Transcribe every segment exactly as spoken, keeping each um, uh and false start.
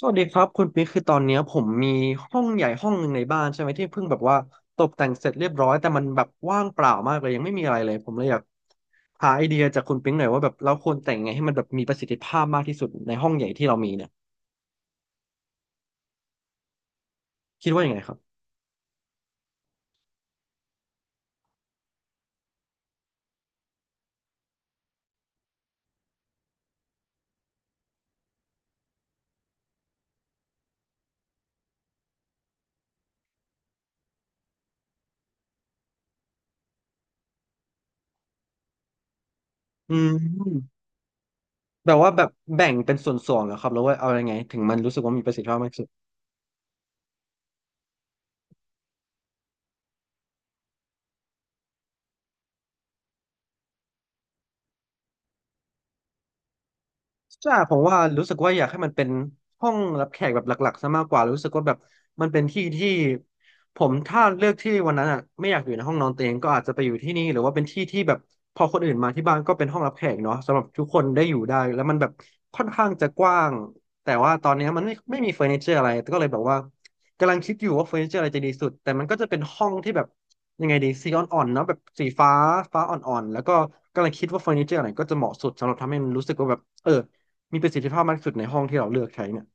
สวัสดีครับคุณปิ๊กคือตอนเนี้ยผมมีห้องใหญ่ห้องหนึ่งในบ้านใช่ไหมที่เพิ่งแบบว่าตกแต่งเสร็จเรียบร้อยแต่มันแบบว่างเปล่ามากเลยยังไม่มีอะไรเลยผมเลยอยากหาไอเดียจากคุณปิ๊กหน่อยว่าแบบเราควรแต่งไงให้มันแบบมีประสิทธิภาพมากที่สุดในห้องใหญ่ที่เรามีเนี่ยคิดว่ายังไงครับอืมแบบว่าแบบแบ่งเป็นส่วนๆเหรอครับแล้วว่าเอายังไงถึงมันรู้สึกว่ามีประสิทธิภาพมากที่สุด ใช่ผมว่ารู้สึกว่าอยากให้มันเป็นห้องรับแขกแบบหลักๆซะมากกว่ารู้สึกว่าแบบมันเป็นที่ที่ผมถ้าเลือกที่วันนั้นอ่ะไม่อยากอยู่ในห้องนอนตัวเองก็อาจจะไปอยู่ที่นี่หรือว่าเป็นที่ที่แบบพอคนอื่นมาที่บ้านก็เป็นห้องรับแขกเนาะสำหรับทุกคนได้อยู่ได้แล้วมันแบบค่อนข้างจะกว้างแต่ว่าตอนเนี้ยมันไม่ไม่มีเฟอร์นิเจอร์อะไรก็เลยแบบว่ากำลังคิดอยู่ว่าเฟอร์นิเจอร์อะไรจะดีสุดแต่มันก็จะเป็นห้องที่แบบยังไงดีสีอ่อนๆเนาะแบบสีฟ้าฟ้าอ่อนๆแล้วก็กำลังคิดว่าเฟอร์นิเจอร์อะไรก็จะเหมาะสุดสำหรับทำให้มันรู้สึกว่าแบบเออ มีประสิทธิภาพมากที่สุดในห้องที่เราเลือกใช้เนี่ย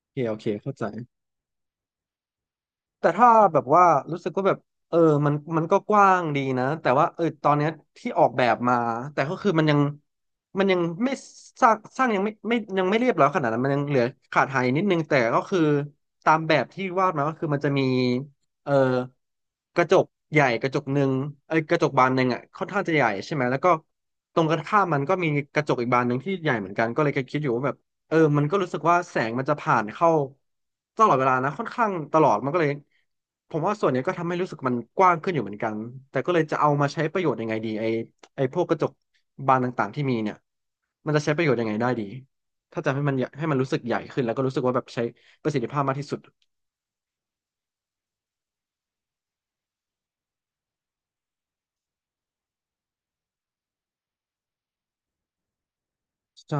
โอเคโอเคเข้าใจแต่ถ้าแบบว่ารู้สึกว่าแบบเออมันมันก็กว้างดีนะแต่ว่าเออตอนเนี้ยที่ออกแบบมาแต่ก็คือมันยังมันยังไม่สร้างสร้างยังไม่ไม่ยังไม่เรียบร้อยขนาดนั้นมันยังเหลือขาดหายนิดนึงแต่ก็คือตามแบบที่วาดมาก็คือมันจะมีเออกระจกใหญ่กระจกหนึ่งเอ้ยกระจกบานหนึ่งอ่ะค่อนข้างจะใหญ่ใช่ไหมแล้วก็ตรงกระข้ามมันก็มีกระจกอีกบานหนึ่งที่ใหญ่เหมือนกันก็เลยก็คิดอยู่ว่าแบบ เออมันก็รู้สึกว่าแสงมันจะผ่านเข้าตลอดเวลานะค่อนข้างตลอดมันก็เลยผมว่าส่วนเนี้ยก็ทำให้รู้สึกมันกว้างขึ้นอยู่เหมือนกันแต่ก็เลยจะเอามาใช้ประโยชน์ยังไงดีไอไอพวกกระจกบานต่างๆที่มีเนี่ยมันจะใช้ประโยชน์ยังไงได้ดีถ้าจะให้มันใหญ่ให้มันรู้สึกใหญ่ขึ้นแล้วก็รู้สึกว่าแบบใช้ประสิทธิภาพมากที่สุดใช่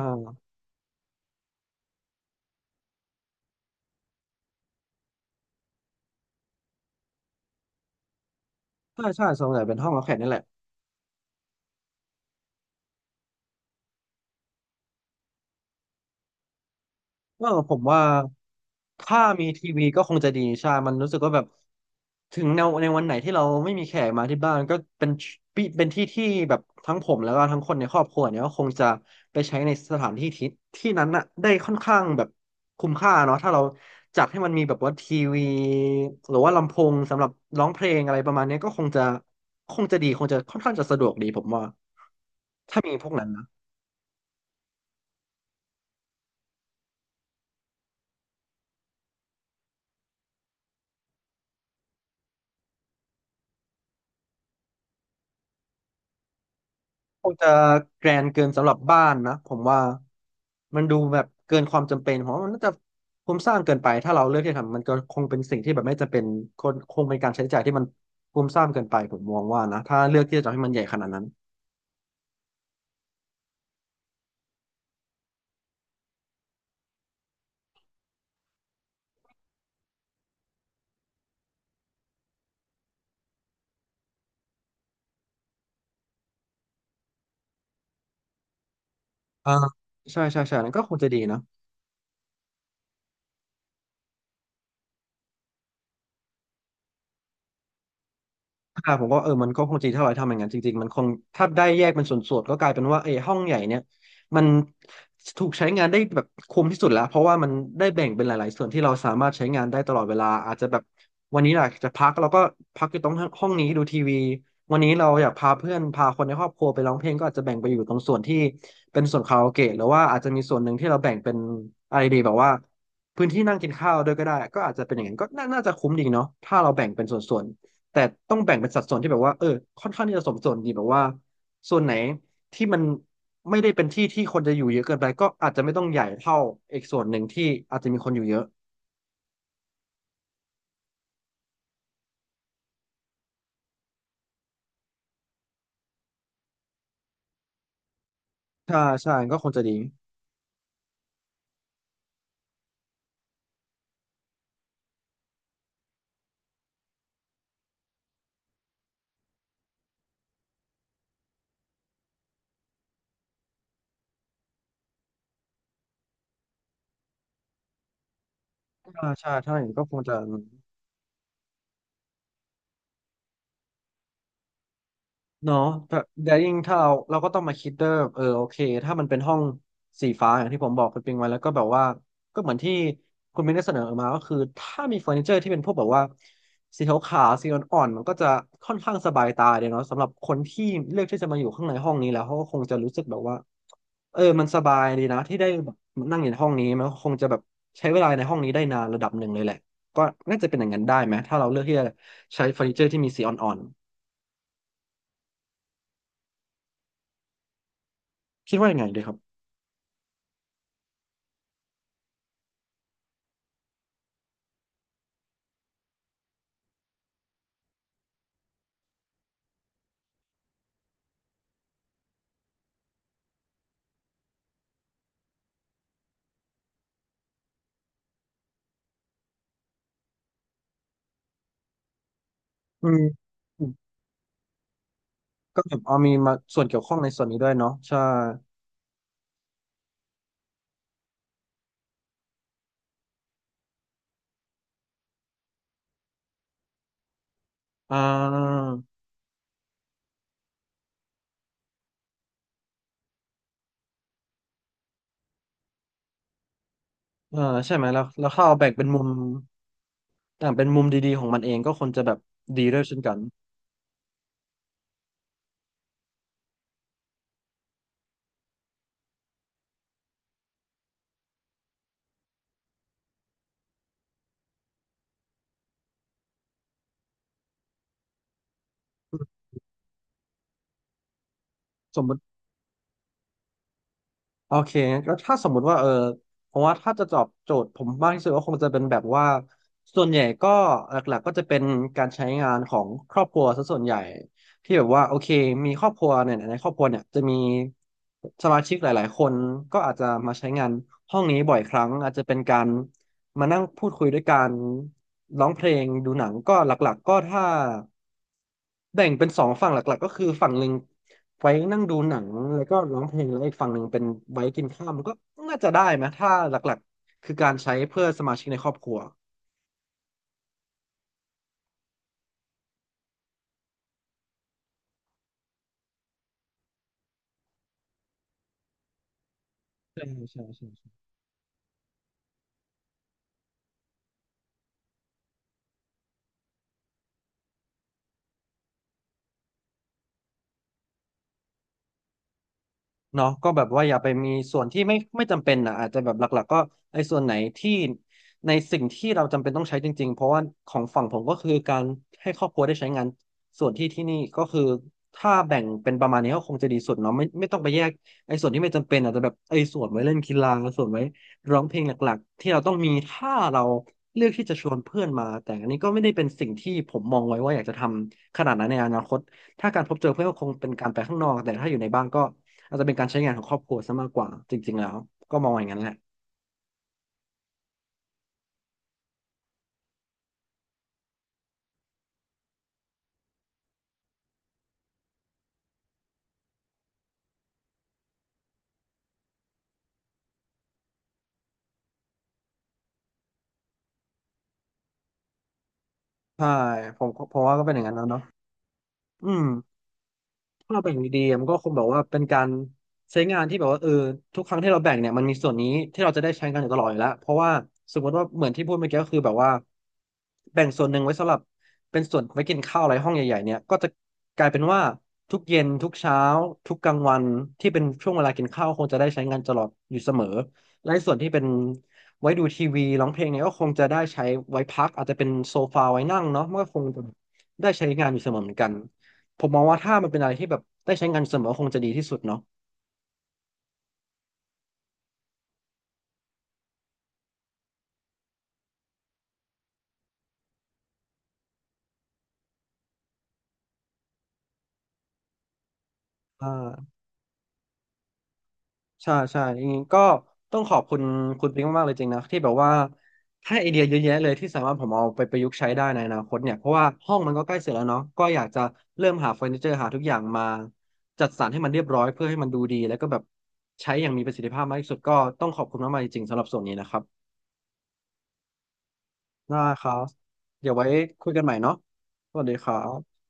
ใช่ใช่ส่วนใหญ่เป็นห้องรับแขกนี่แหละ เออผมว่าถ้ามีทีวีก็คงจะดีใช่มันรู้สึกว่าแบบถึงในวในวันไหนที่เราไม่มีแขกมาที่บ้านก็เป็นปีเป็นที่ที่แบบทั้งผมแล้วก็ทั้งคนในครอบครัวเนี่ยก็คงจะไปใช้ในสถานที่ที่ที่นั้นน่ะได้ค่อนข้างแบบคุ้มค่าเนาะถ้าเราจัดให้มันมีแบบว่าทีวีหรือว่าลำโพงสำหรับร้องเพลงอะไรประมาณเนี้ยก็คงจะคงจะดีคงจะค่อนข้างจะสะดวกดีผมว่าถ้ามีพวกนั้นนะ คงจะแกรนเกินสำหรับบ้านนะผมว่ามันดูแบบเกินความจำเป็นเพราะมันน่าจะคุ้มสร้างเกินไปถ้าเราเลือกที่จะทำมันก็คงเป็นสิ่งที่แบบไม่จำเป็นคนคงเป็นการใช้จ่ายที่มันคุ้มสร้างเกินไปผมมองว่านะถ้าเลือกที่จะทำให้มันใหญ่ขนาดนั้นอ่าใช่ใช่ใช่นั่นก็คงจะดีนะ อ่าผมก็เออมันก็คงจริงถ้าเราทำอย่างนั้นจริงๆมันคงถ้าได้แยกเป็นส่วนๆก็กลายเป็นว่าเออห้องใหญ่เนี่ยมันถูกใช้งานได้แบบคุ้มที่สุดแล้วเพราะว่ามันได้แบ่งเป็นหลายๆส่วนที่เราสามารถใช้งานได้ตลอดเวลาอาจจะแบบวันนี้อยากจะพักเราก็พักอยู่ตรงห้องนี้ดูทีวีวันนี้เราอยากพาเพื่อนพาคนในครอบครัวไปร้องเพลงก็อาจจะแบ่งไปอยู่ตรงส่วนที่เป็นส่วนคาราโอเกะหรือว่าอาจจะมีส่วนหนึ่งที่เราแบ่งเป็นอะไรดีแบบว่าพื้นที่นั่งกินข้าวด้วยก็ได้ก็อาจจะเป็นอย่างนั้นก็น่าน่าจะคุ้มดีเนาะถ้าเราแบ่งเป็นส่วนๆ แต่ต้องแบ่งเป็นสัดส่วนที่แบบว่าเออค่อนข้างที่จะสมส่วนดีแบบว่า ส่วนไหนที่มันไม่ได้เป็นที่ที่คนจะอยู่เยอะเกินไปก็อาจจะไม่ต้องใหญ่เท่าอีกส่วนหนึ่งที่อาจจะมีคนอยู่เยอะใช่ใช่ก็คงจะดีใช่ใช่ถ้าอย่างนี้ก็คงจะ เนาะแต่แต่ยวยิ่งถ้าเราเราก็ต้องมาคิดเด้อเออโอเคถ้ามันเป็นห้องสีฟ้าอย่างที่ผมบอกคุณปิงไว้แล้วก็แบบว่าก็เหมือนที่คุณมินได้เสนอมาก็คือถ้ามีเฟอร์นิเจอร์ที่เป็นพวกแบบว่าสีขาวๆสีอ่อนๆมันก็จะค่อนข้างสบายตาเดียวเนาะสำหรับคนที่เลือกที่จะมาอยู่ข้างในห้องนี้แล้วเขาก็คงจะรู้สึกแบบว่าเออมันสบายดีนะที่ได้แบบนั่งอยู่ในห้องนี้มันก็คงจะแบบใช้เวลาในห้องนี้ได้นานระดับหนึ่งเลยแหละก็น่าจะเป็นอย่างนั้นได้ไหมถ้าเราเลือกที่จะใช้เฟอร์นิเจอร์ที่มีสีอ่อนๆคิดว่ายังไงดีครับ อืมอืมก็แบบเอามีมาส่วนเกี่ยวข้องในส่วนนี้ด้วยเนาะใช่อ่าเออใช่ไหมแล้วแล้วถ้าเอาแบ่งเป็นมุมอ่าเป็นมุมดีๆของมันเองก็คนจะแบบดีด้วยเช่นกันสมมติ โอเคงั้นก็ถ้าสมมุติว่าเออเพราะว่าถ้าจะตอบโจทย์ผมมากที่สุดก็คงจะเป็นแบบว่าส่วนใหญ่ก็หลักๆก็จะเป็นการใช้งานของครอบครัวซะส่วนใหญ่ที่แบบว่าโอเคมีครอบครัวเนี่ยในครอบครัวเนี่ยจะมีสมาชิกหลายๆคนก็อาจจะมาใช้งานห้องนี้บ่อยครั้งอาจจะเป็นการ มานั่งพูดคุยด้วยกันร้องเพลงดูหนังก็หลักๆก็ถ้าแบ่งเป็นสองฝั่งหลักๆก็คือฝั่งหนึ่งไว้นั่งดูหนังแล้วก็ร้องเพลงแล้วอีกฝั่งหนึ่งเป็นไว้กินข้าวมันก็น่าจะได้ไหมถ้าหลักๆคือการใช้เพื่อสมาชิกในครอบครัวใช่ใช่ใช่ เนาะก็แบบว่าอย่าไปมีส่วนที่ไม่ไม่จำเป็นนะอาจจะแบบหลักๆก็ไอ้ส่วนไหนที่ในสิ่งที่เราจำเป็นต้องใช้จริงๆเพราะว่าของฝั่งผมก็คือการให้ครอบครัวได้ใช้งานส่วนที่ที่นี่ก็คือถ้าแบ่งเป็นประมาณนี้ก็คงจะดีสุดเนาะไม่ไม่ต้องไปแยกไอ้ส่วนที่ไม่จำเป็นอาจจะแบบไอ้ส่วนไว้เล่นกีฬาส่วนไว้ร้องเพลงหลักๆที่เราต้องมีถ้าเราเลือกที่จะชวนเพื่อนมาแต่อันนี้ก็ไม่ได้เป็นสิ่งที่ผมมองไว้ว่าอยากจะทำขนาดนั้นในอนาคตถ้าการพบเจอเพื่อนก็คงเป็นการไปข้างนอกแต่ถ้าอยู่ในบ้านก็ อาจจะเป็นการใช้งานของครอบครัวซะมากกว่าจริงๆแล้วก็มองอย่างนั้นแหละใช่ผมผมว่าก็เป็นอย่างนั้นแล้วเนาะอืม ถ้าเราแบ่งดีๆอะมันก็คงแบบว่าเป็นการใช้งานที่แบบว่าเออทุกครั้งที่เราแบ่งเนี่ยมันมีส่วนนี้ที่เราจะได้ใช้งานอยู่ตลอดอยู่แล้วเพราะว่าสมมติว่าเหมือนที่พูดเมื่อกี้ก็คือแบบว่าแบ่งส่วนหนึ่งไว้สำหรับเป็นส่วนไว้กินข้าวอะไรห้องใหญ่ๆเนี่ยก็จะกลายเป็นว่าทุกเย็นทุกเช้าทุกกลางวันที่เป็นช่วงเวลากินข้าวคงจะได้ใช้งานตลอดอยู่เสมอและส่วนที่เป็นไว้ดูทีวีร้องเพลงเนี่ยก็คงจะได้ใช้ไว้พักอาจจะเป็นโซฟาไว้นั่งเนาะมันก็คงจะได้ใช้งานอยู่เสมอเหมือนกัน ผมมองว่าถ้ามันเป็นอะไรที่แบบได้ใช้งานเสมอคงจะดีที่สุดเนาะอ่าใช่ใช่อย่างนี้ก็ต้องขอบคุณคุณปิ๊งมากๆเลยจริงนะที่แบบว่าให้ไอเดียเยอะแยะเลยที่สามารถผมเอาไปประยุกต์ใช้ได้ในอนาคตเนี่ยเพราะว่าห้องมันก็ใกล้เสร็จแล้วเนาะก็อยากจะเริ่มหาเฟอร์นิเจอร์หาทุกอย่างมาจัดสรรให้มันเรียบร้อยเพื่อให้มันดูดีแล้วก็แบบใช้อย่างมีประสิทธิภาพมากที่สุดก็ต้องขอบคุณมากๆจริงๆสำหรับส่วนนี้นะครับได้ครับเดี๋ยวไว้คุยกันใหม่เนาะสวัสดีครับ